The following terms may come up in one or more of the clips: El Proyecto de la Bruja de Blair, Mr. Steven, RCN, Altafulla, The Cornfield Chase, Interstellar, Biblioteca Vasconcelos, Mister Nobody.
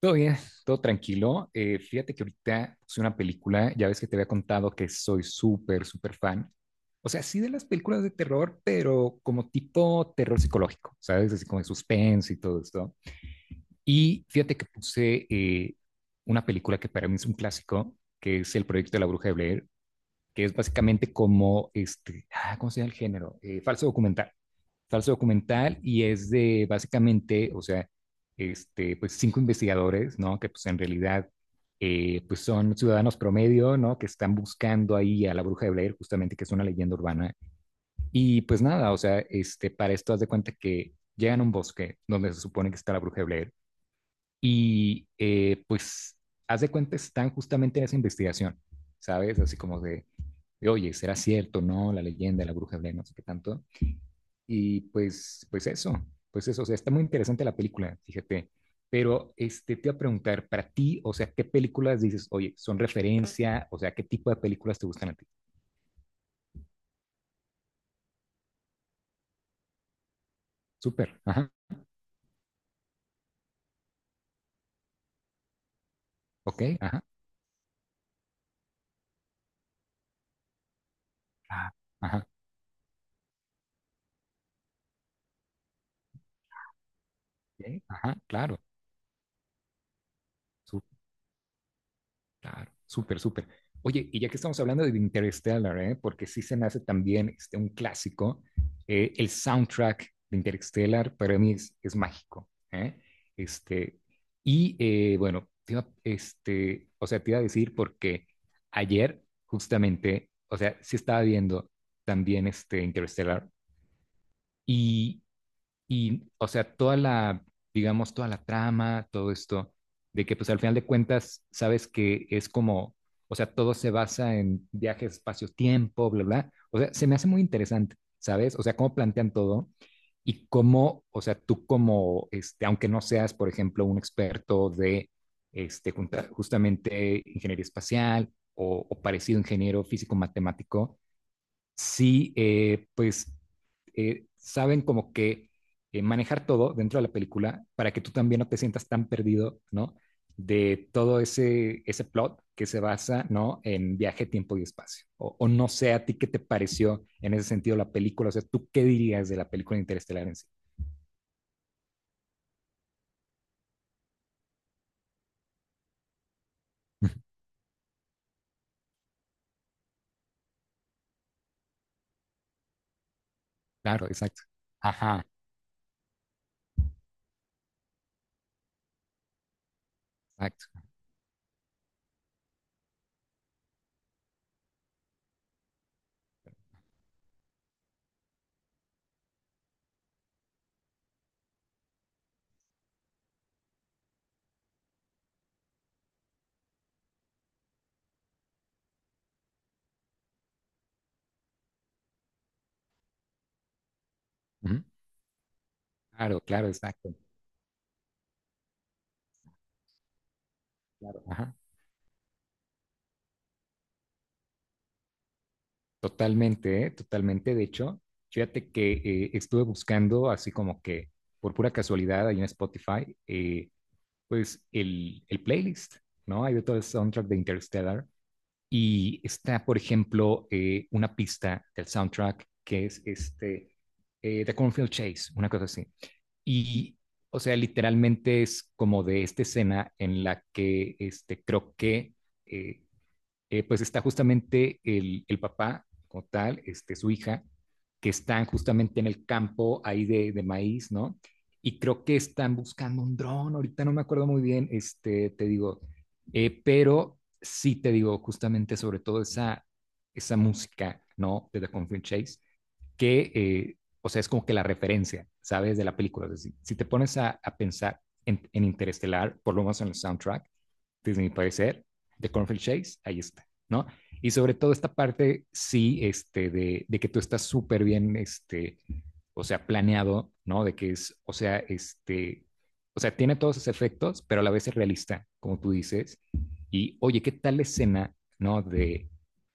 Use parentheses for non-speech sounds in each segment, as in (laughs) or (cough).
Todo bien, todo tranquilo. Fíjate que ahorita puse una película, ya ves que te había contado que soy súper, súper fan. O sea, sí de las películas de terror, pero como tipo terror psicológico, ¿sabes? Así como de suspense y todo esto. Y fíjate que puse una película que para mí es un clásico, que es El Proyecto de la Bruja de Blair, que es básicamente como, ¿cómo se llama el género? Falso documental. Falso documental y es de básicamente, o sea, pues cinco investigadores, ¿no? Que pues en realidad, pues son ciudadanos promedio, ¿no? Que están buscando ahí a la bruja de Blair, justamente, que es una leyenda urbana. Y pues nada, o sea, para esto haz de cuenta que llegan a un bosque donde se supone que está la bruja de Blair y pues haz de cuenta están justamente en esa investigación, ¿sabes? Así como de y, oye, ¿será cierto, no? La leyenda, de la bruja Blair, no sé qué tanto. Y pues eso, o sea, está muy interesante la película, fíjate. Pero te iba a preguntar, para ti, o sea, ¿qué películas dices, oye, son referencia? O sea, ¿qué tipo de películas te gustan a ti? Súper, ajá, ok, ajá, ah, ajá, ok, ajá, claro, claro, súper, súper. Oye, y ya que estamos hablando de Interstellar, ¿eh? Porque sí se me hace también un clásico, el soundtrack de Interstellar para mí es mágico, ¿eh? Este, o sea, te iba a decir porque ayer justamente, o sea, sí estaba viendo también este Interstellar y, o sea, toda la, digamos, toda la trama, todo esto, de que pues al final de cuentas sabes que es como, o sea, todo se basa en viajes, espacio-tiempo, bla, bla. O sea, se me hace muy interesante, ¿sabes? O sea, cómo plantean todo y cómo, o sea, tú como, aunque no seas, por ejemplo, un experto de, justamente ingeniería espacial o parecido ingeniero físico-matemático, sí, pues saben como que manejar todo dentro de la película para que tú también no te sientas tan perdido, ¿no? De todo ese plot que se basa, ¿no? En viaje, tiempo y espacio. O no sé, a ti qué te pareció en ese sentido la película, o sea, ¿tú qué dirías de la película Interestelar en sí? Claro, exacto. Ajá, exacto. Ujú. Claro, claro, exacto. Claro, ajá. Totalmente, ¿eh? Totalmente. De hecho, fíjate que estuve buscando así como que por pura casualidad ahí en Spotify, pues el playlist, ¿no? Hay de todo el soundtrack de Interstellar y está, por ejemplo, una pista del soundtrack que es The Cornfield Chase, una cosa así. Y, o sea, literalmente es como de esta escena en la que creo que eh, pues está justamente papá, como tal, su hija, que están justamente en el campo ahí de maíz, ¿no? Y creo que están buscando un dron, ahorita no me acuerdo muy bien, te digo, pero sí te digo, justamente sobre todo esa música, ¿no? De The Confident Chase, que, o sea, es como que la referencia, ¿sabes? De la película. Es decir, si te pones a pensar en Interestelar, por lo menos en el soundtrack, desde mi parecer, de Cornfield Chase, ahí está, ¿no? Y sobre todo esta parte, sí, de que tú estás súper bien, o sea, planeado, ¿no? De que es, o sea, o sea, tiene todos esos efectos, pero a la vez es realista, como tú dices. Y, oye, ¿qué tal la escena, ¿no? De,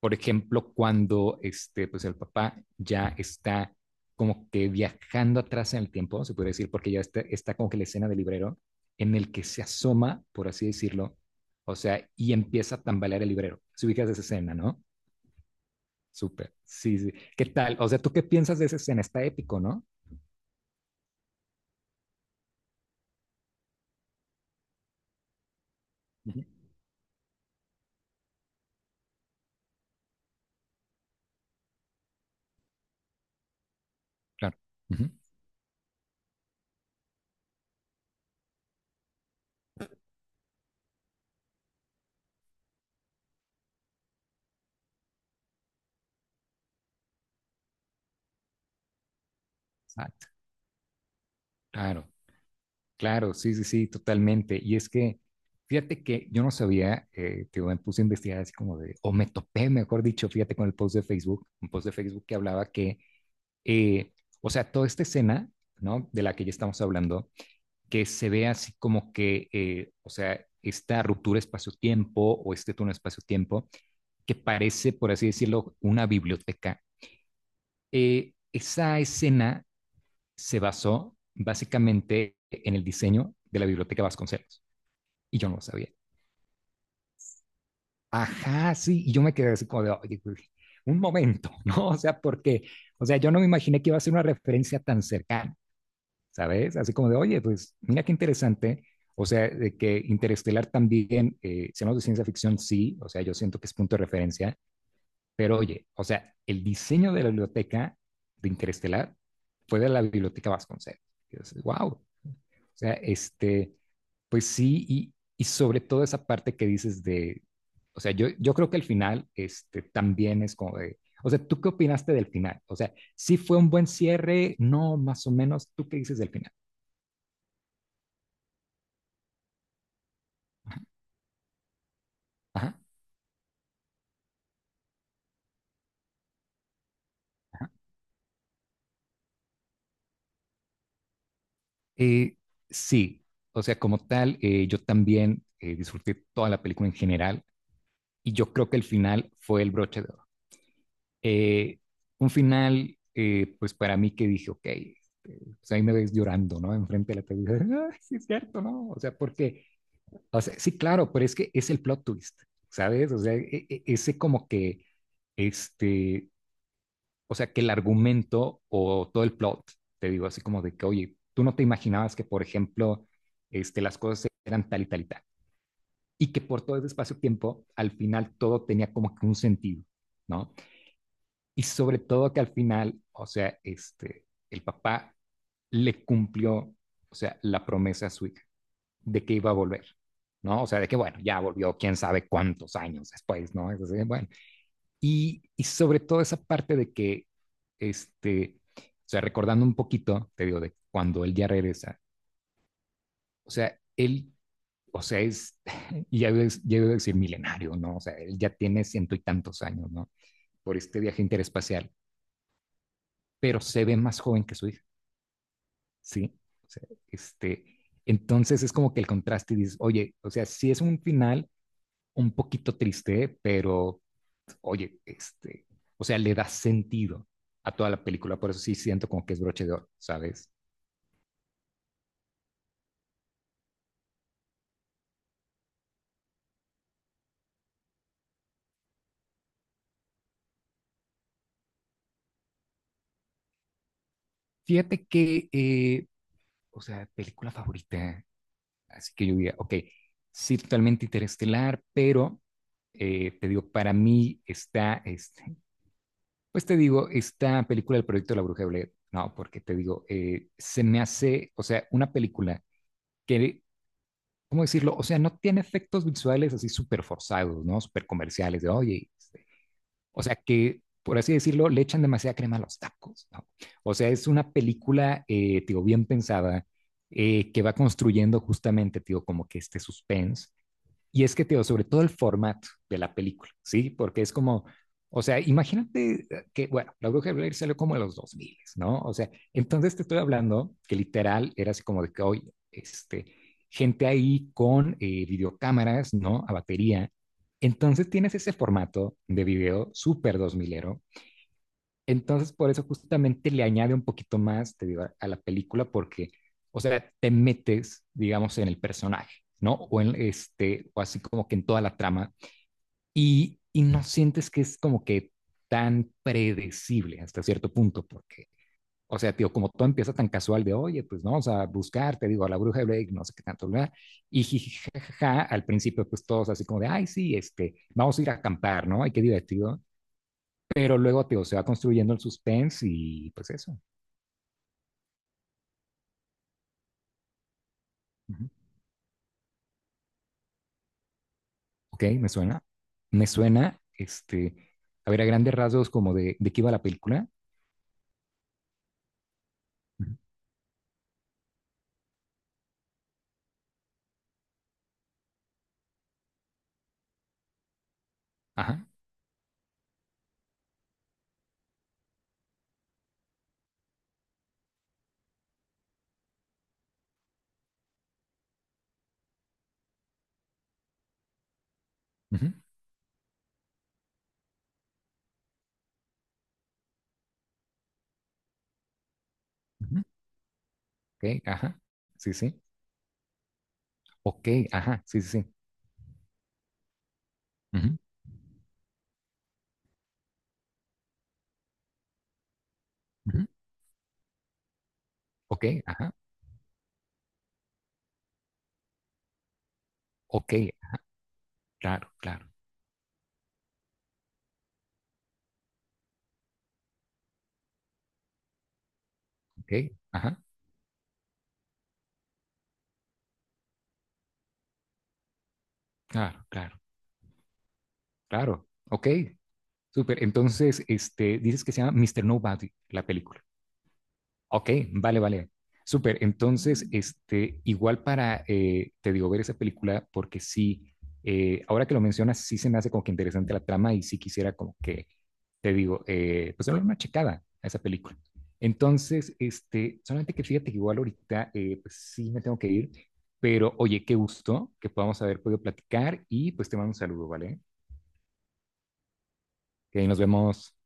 por ejemplo, cuando, pues el papá ya está como que viajando atrás en el tiempo, se puede decir, porque ya está, está como que la escena del librero en el que se asoma, por así decirlo, o sea, y empieza a tambalear el librero. Si ubicas esa escena, ¿no? Súper. Sí, sí. ¿Qué tal? O sea, ¿tú qué piensas de esa escena? Está épico, ¿no? Uh -huh. Claro. Uh -huh. Exacto. Claro, claro. Sí, sí, sí, totalmente. Y es que, fíjate que yo no sabía, que me puse a investigar así como de, o me topé, mejor dicho, fíjate con el post de Facebook, un post de Facebook que hablaba que, eh, o sea, toda esta escena, ¿no? De la que ya estamos hablando, que se vea así como que, o sea, esta ruptura espacio-tiempo o este túnel espacio-tiempo, que parece, por así decirlo, una biblioteca. Esa escena se basó básicamente en el diseño de la biblioteca Vasconcelos, y yo no lo sabía. Ajá, sí, y yo me quedé así como de, oye, un momento, (laughs) ¿no? O sea, porque, o sea, yo no me imaginé que iba a ser una referencia tan cercana. ¿Sabes? Así como de, oye, pues mira qué interesante. O sea, de que Interestelar también, si hablamos de ciencia ficción, sí, o sea, yo siento que es punto de referencia, pero oye, o sea, el diseño de la biblioteca de Interestelar fue de la biblioteca Vasconcelos. Y dices, wow, o sea, pues sí, y sobre todo esa parte que dices de, o sea, yo creo que el final, también es como de, o sea, ¿tú qué opinaste del final? O sea, ¿sí fue un buen cierre? No, más o menos, ¿tú qué dices del final? Ajá. Eh, sí, o sea, como tal, yo también disfruté toda la película en general y yo creo que el final fue el broche de oro. Eh, un final, pues para mí que dije, ok, pues ahí me ves llorando, ¿no? Enfrente de la televisión, (laughs) "Ay, sí es cierto, ¿no? O sea, porque, o sea, sí, claro, pero es que es el plot twist, ¿sabes? O sea, ese como que, este, o sea, que el argumento o todo el plot, te digo así como de que, oye, tú no te imaginabas que, por ejemplo, las cosas eran tal y tal y tal. Y que por todo ese espacio-tiempo, al final todo tenía como que un sentido, ¿no? Y sobre todo que al final, o sea, el papá le cumplió, o sea, la promesa a su hija de que iba a volver, ¿no? O sea, de que, bueno, ya volvió quién sabe cuántos años después, ¿no? Entonces, bueno, y sobre todo esa parte de que, o sea, recordando un poquito, te digo, de cuando él ya regresa, o sea, él, o sea, es, (laughs) y ya iba a decir milenario, ¿no? O sea, él ya tiene ciento y tantos años, ¿no? Por este viaje interespacial, pero se ve más joven que su hija, ¿sí? O sea, este, entonces es como que el contraste y dices, oye, o sea, sí es un final un poquito triste, pero oye, o sea, le da sentido a toda la película, por eso sí siento como que es broche de oro, ¿sabes? Fíjate que, o sea, película favorita, así que yo diría, ok, sí, totalmente Interestelar, pero te digo, para mí está, pues te digo, esta película del proyecto de la Bruja de Blair, no, porque te digo, se me hace, o sea, una película que ¿cómo decirlo? O sea, no tiene efectos visuales así súper forzados, ¿no? Súper comerciales, de oye, o sea, que por así decirlo, le echan demasiada crema a los tacos, ¿no? O sea, es una película, digo, bien pensada, que va construyendo justamente, digo, como que este suspense y es que, Teo, sobre todo el formato de la película, ¿sí? Porque es como, o sea, imagínate que, bueno, La Bruja de Blair salió como en los 2000, ¿no? O sea, entonces te estoy hablando que literal era así como de que, oye, este, gente ahí con videocámaras, ¿no? A batería. Entonces tienes ese formato de video súper dos milero, entonces, por eso justamente le añade un poquito más, te digo, a, la película, porque, o sea, te metes, digamos, en el personaje, ¿no? O en este, o así como que en toda la trama, y no sientes que es como que tan predecible hasta cierto punto, porque, o sea, tío, como todo empieza tan casual de, oye, pues vamos a buscar, te digo, a la bruja de Blake, no sé qué tanto, ¿verdad? Y jijijaja, al principio, pues todos así como de, ay, sí, vamos a ir a acampar, ¿no? Ay, qué divertido. Pero luego, tío, se va construyendo el suspense y pues eso. Ujú. Ok, me suena. Me suena, a ver, a grandes rasgos como de qué iba la película. Ujú. Ajá. Ujú, ujú, ok, ajá. Sí, sí. Ok, ajá. Sí, sí, sí. Ujú, ujú, ok, ajá. Ok, claro, claro. Ok, ajá. Claro, claro, claro. Ok, súper. Entonces, dices que se llama Mister Nobody, la película. Ok, vale, vale. Súper. Entonces, igual para, te digo, ver esa película, porque sí, ahora que lo mencionas, sí se me hace como que interesante la trama y sí quisiera como que, te digo, pues darle una checada a esa película. Entonces, solamente que fíjate que igual ahorita, pues sí me tengo que ir, pero oye, qué gusto que podamos haber podido platicar y pues te mando un saludo, ¿vale? Que ahí nos vemos.